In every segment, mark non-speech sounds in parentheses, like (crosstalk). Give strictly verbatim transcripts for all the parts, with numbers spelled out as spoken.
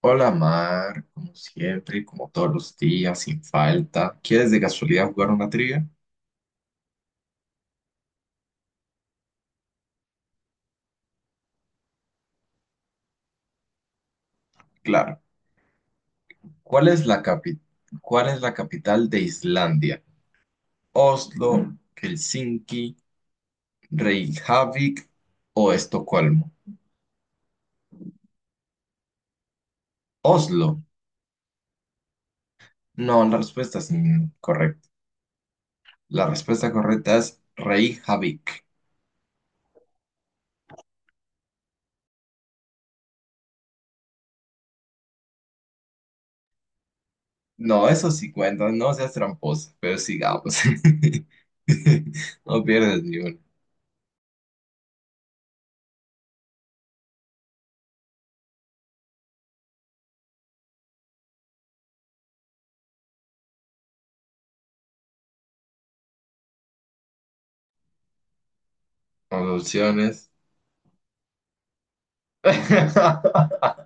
Hola Mar, como siempre, como todos los días, sin falta. ¿Quieres de casualidad jugar una trivia? Claro. ¿Cuál es la capi- cuál es la capital de Islandia? ¿Oslo, Helsinki, Reykjavik o Estocolmo? Oslo. No, la respuesta es incorrecta. La respuesta correcta es Reykjavik. No, eso sí cuenta, no seas tramposa, pero sigamos. (laughs) No pierdes ni una. Las opciones. (laughs)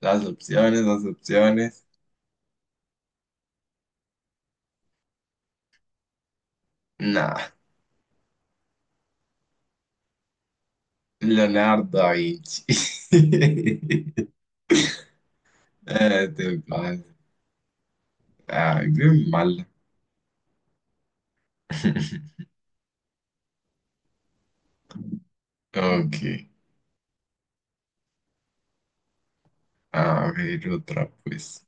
Las opciones, las opciones. Nah, Leonardo da Vinci. (laughs) Eh, te pasas. Ay, qué mal. (laughs) Ok, a ver otra pues.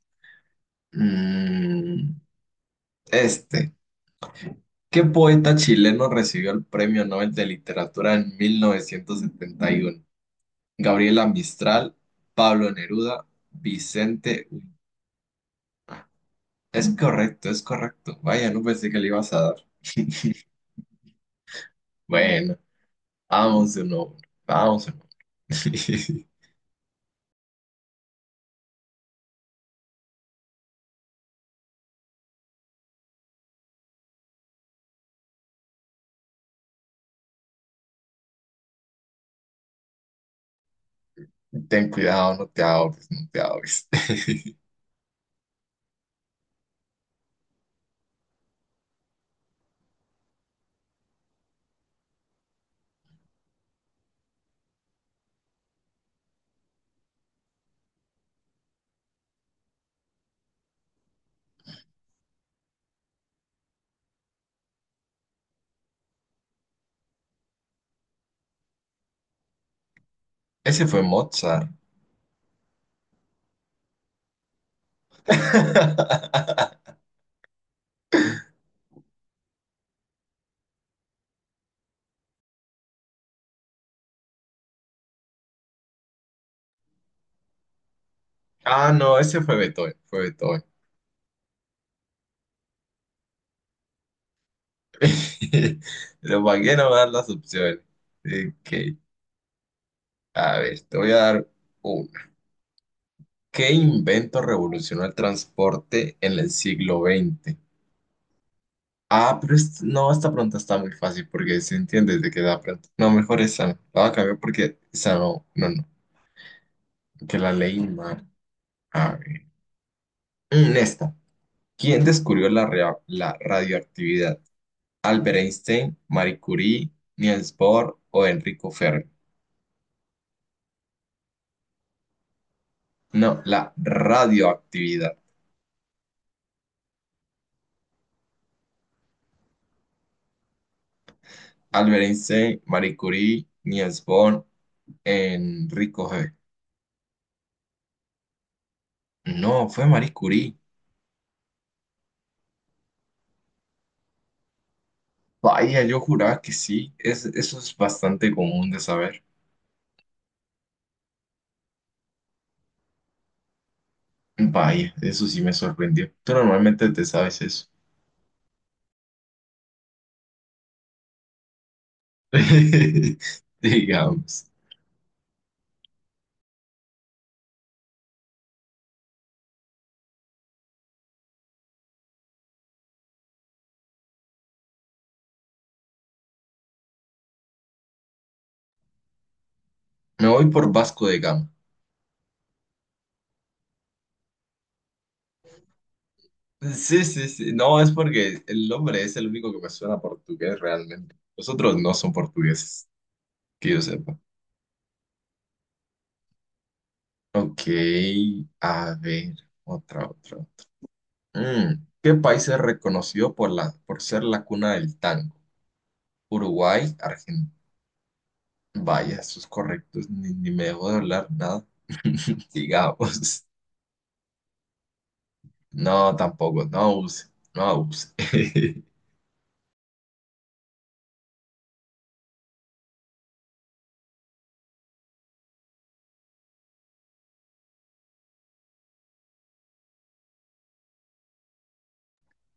Mm, este. ¿Qué poeta chileno recibió el Premio Nobel de Literatura en mil novecientos setenta y uno? Gabriela Mistral, Pablo Neruda, Vicente Hugo. Es correcto, es correcto. Vaya, no pensé que le ibas a dar. (laughs) Bueno. Vamos de nuevo, vamos de nuevo. (laughs) Ten cuidado, no te ahogues, no te ahogues. (laughs) Ese fue Mozart. (laughs) Ah, no, ese fue Beethoven, fue Beethoven. (laughs) Pero para qué no me dan las opciones. Ok, a ver, te voy a dar una. ¿Qué invento revolucionó el transporte en el siglo veinte? Ah, pero es- no, esta pregunta está muy fácil porque se entiende desde que da pregunta. No, mejor esa no. La voy a cambiar porque esa no, no, no. Que la ley humana. A ver. Mm, Esta. ¿Quién descubrió la, rea- la radioactividad? ¿Albert Einstein, Marie Curie, Niels Bohr o Enrico Fermi? No, la radioactividad. Albert Einstein, Marie Curie, Niels Bohr, Enrico Fermi. No, fue Marie Curie. Vaya, yo juraba que sí. Es, eso es bastante común de saber. Vaya, eso sí me sorprendió. Tú normalmente te sabes eso. (laughs) Digamos. Me voy por Vasco de Gama. Sí, sí, sí. No, es porque el nombre es el único que me suena a portugués realmente. Los otros no son portugueses, que yo sepa. Ok, a ver, otra, otra. Mm. ¿Qué país es reconocido por la, por ser la cuna del tango? Uruguay, Argentina. Vaya, eso es correcto. Ni, ni me dejó de hablar nada. (laughs) Digamos. No, tampoco. No abuse. No abuse. (laughs)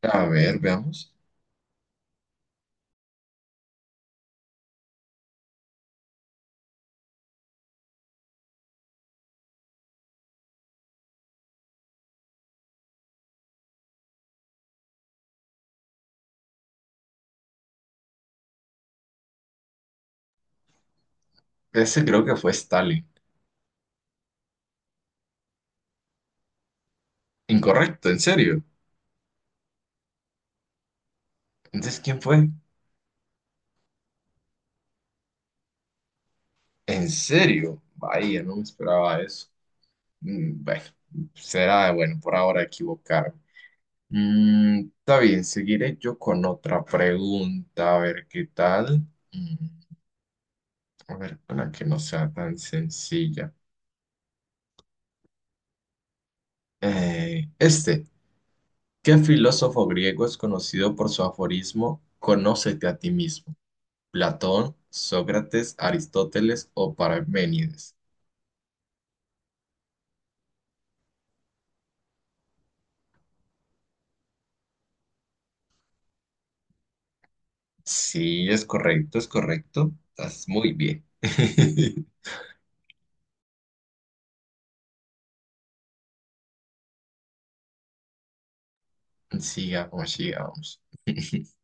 A ver, veamos. Ese creo que fue Stalin. Incorrecto, en serio. Entonces, ¿quién fue? ¿En serio? Vaya, no me esperaba eso. Mm. Bueno, será bueno por ahora equivocarme. Mm, está bien, seguiré yo con otra pregunta, a ver qué tal. Mm, a ver, una que no sea tan sencilla. Eh, este, ¿qué filósofo griego es conocido por su aforismo Conócete a ti mismo? ¿Platón, Sócrates, Aristóteles o Parménides? Sí, es correcto, es correcto. Estás muy bien. (laughs) Sigamos, sigamos. (laughs)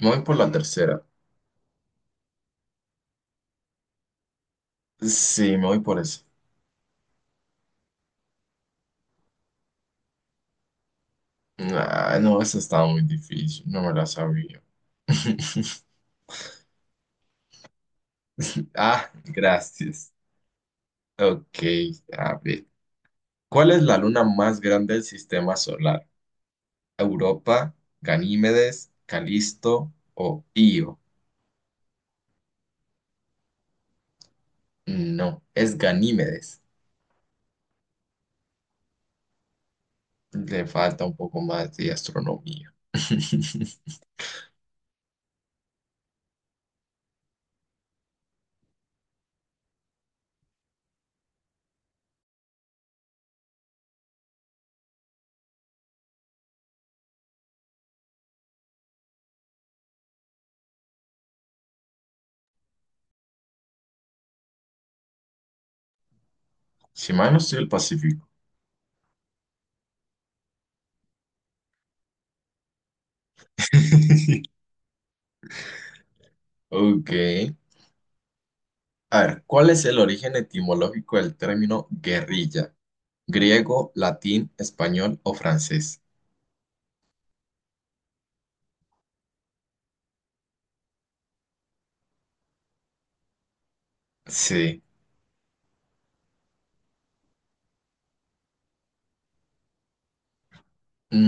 Me voy por la tercera. Sí, me voy por esa. Ah, no, esa estaba muy difícil. No me la sabía. (laughs) Ah, gracias. Ok, a ver. ¿Cuál es la luna más grande del sistema solar? ¿Europa, Ganímedes, Calisto o Io? No, es Ganímedes. Le falta un poco más de astronomía. (laughs) Si mal no estoy el Pacífico. (laughs) Ok. A ver, ¿cuál es el origen etimológico del término guerrilla? ¿Griego, latín, español o francés? Sí.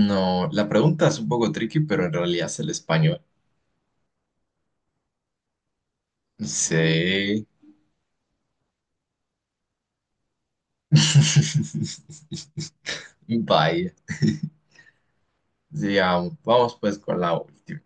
No, la pregunta es un poco tricky, pero en realidad es el español. Sí. (laughs) Vaya. Digamos, vamos pues con la última.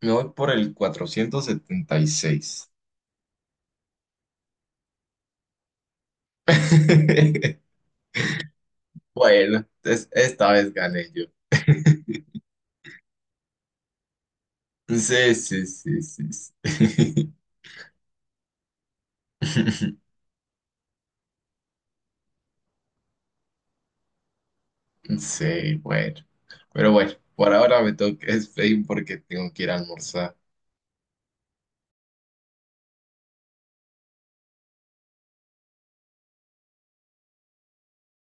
Me voy por el cuatrocientos setenta y seis. (laughs) Bueno, es- esta vez gané yo. (laughs) Sí, sí, sí, sí, sí. (laughs) Sí, bueno. Pero bueno, por ahora me tengo que despedir (laughs) porque tengo que ir a almorzar.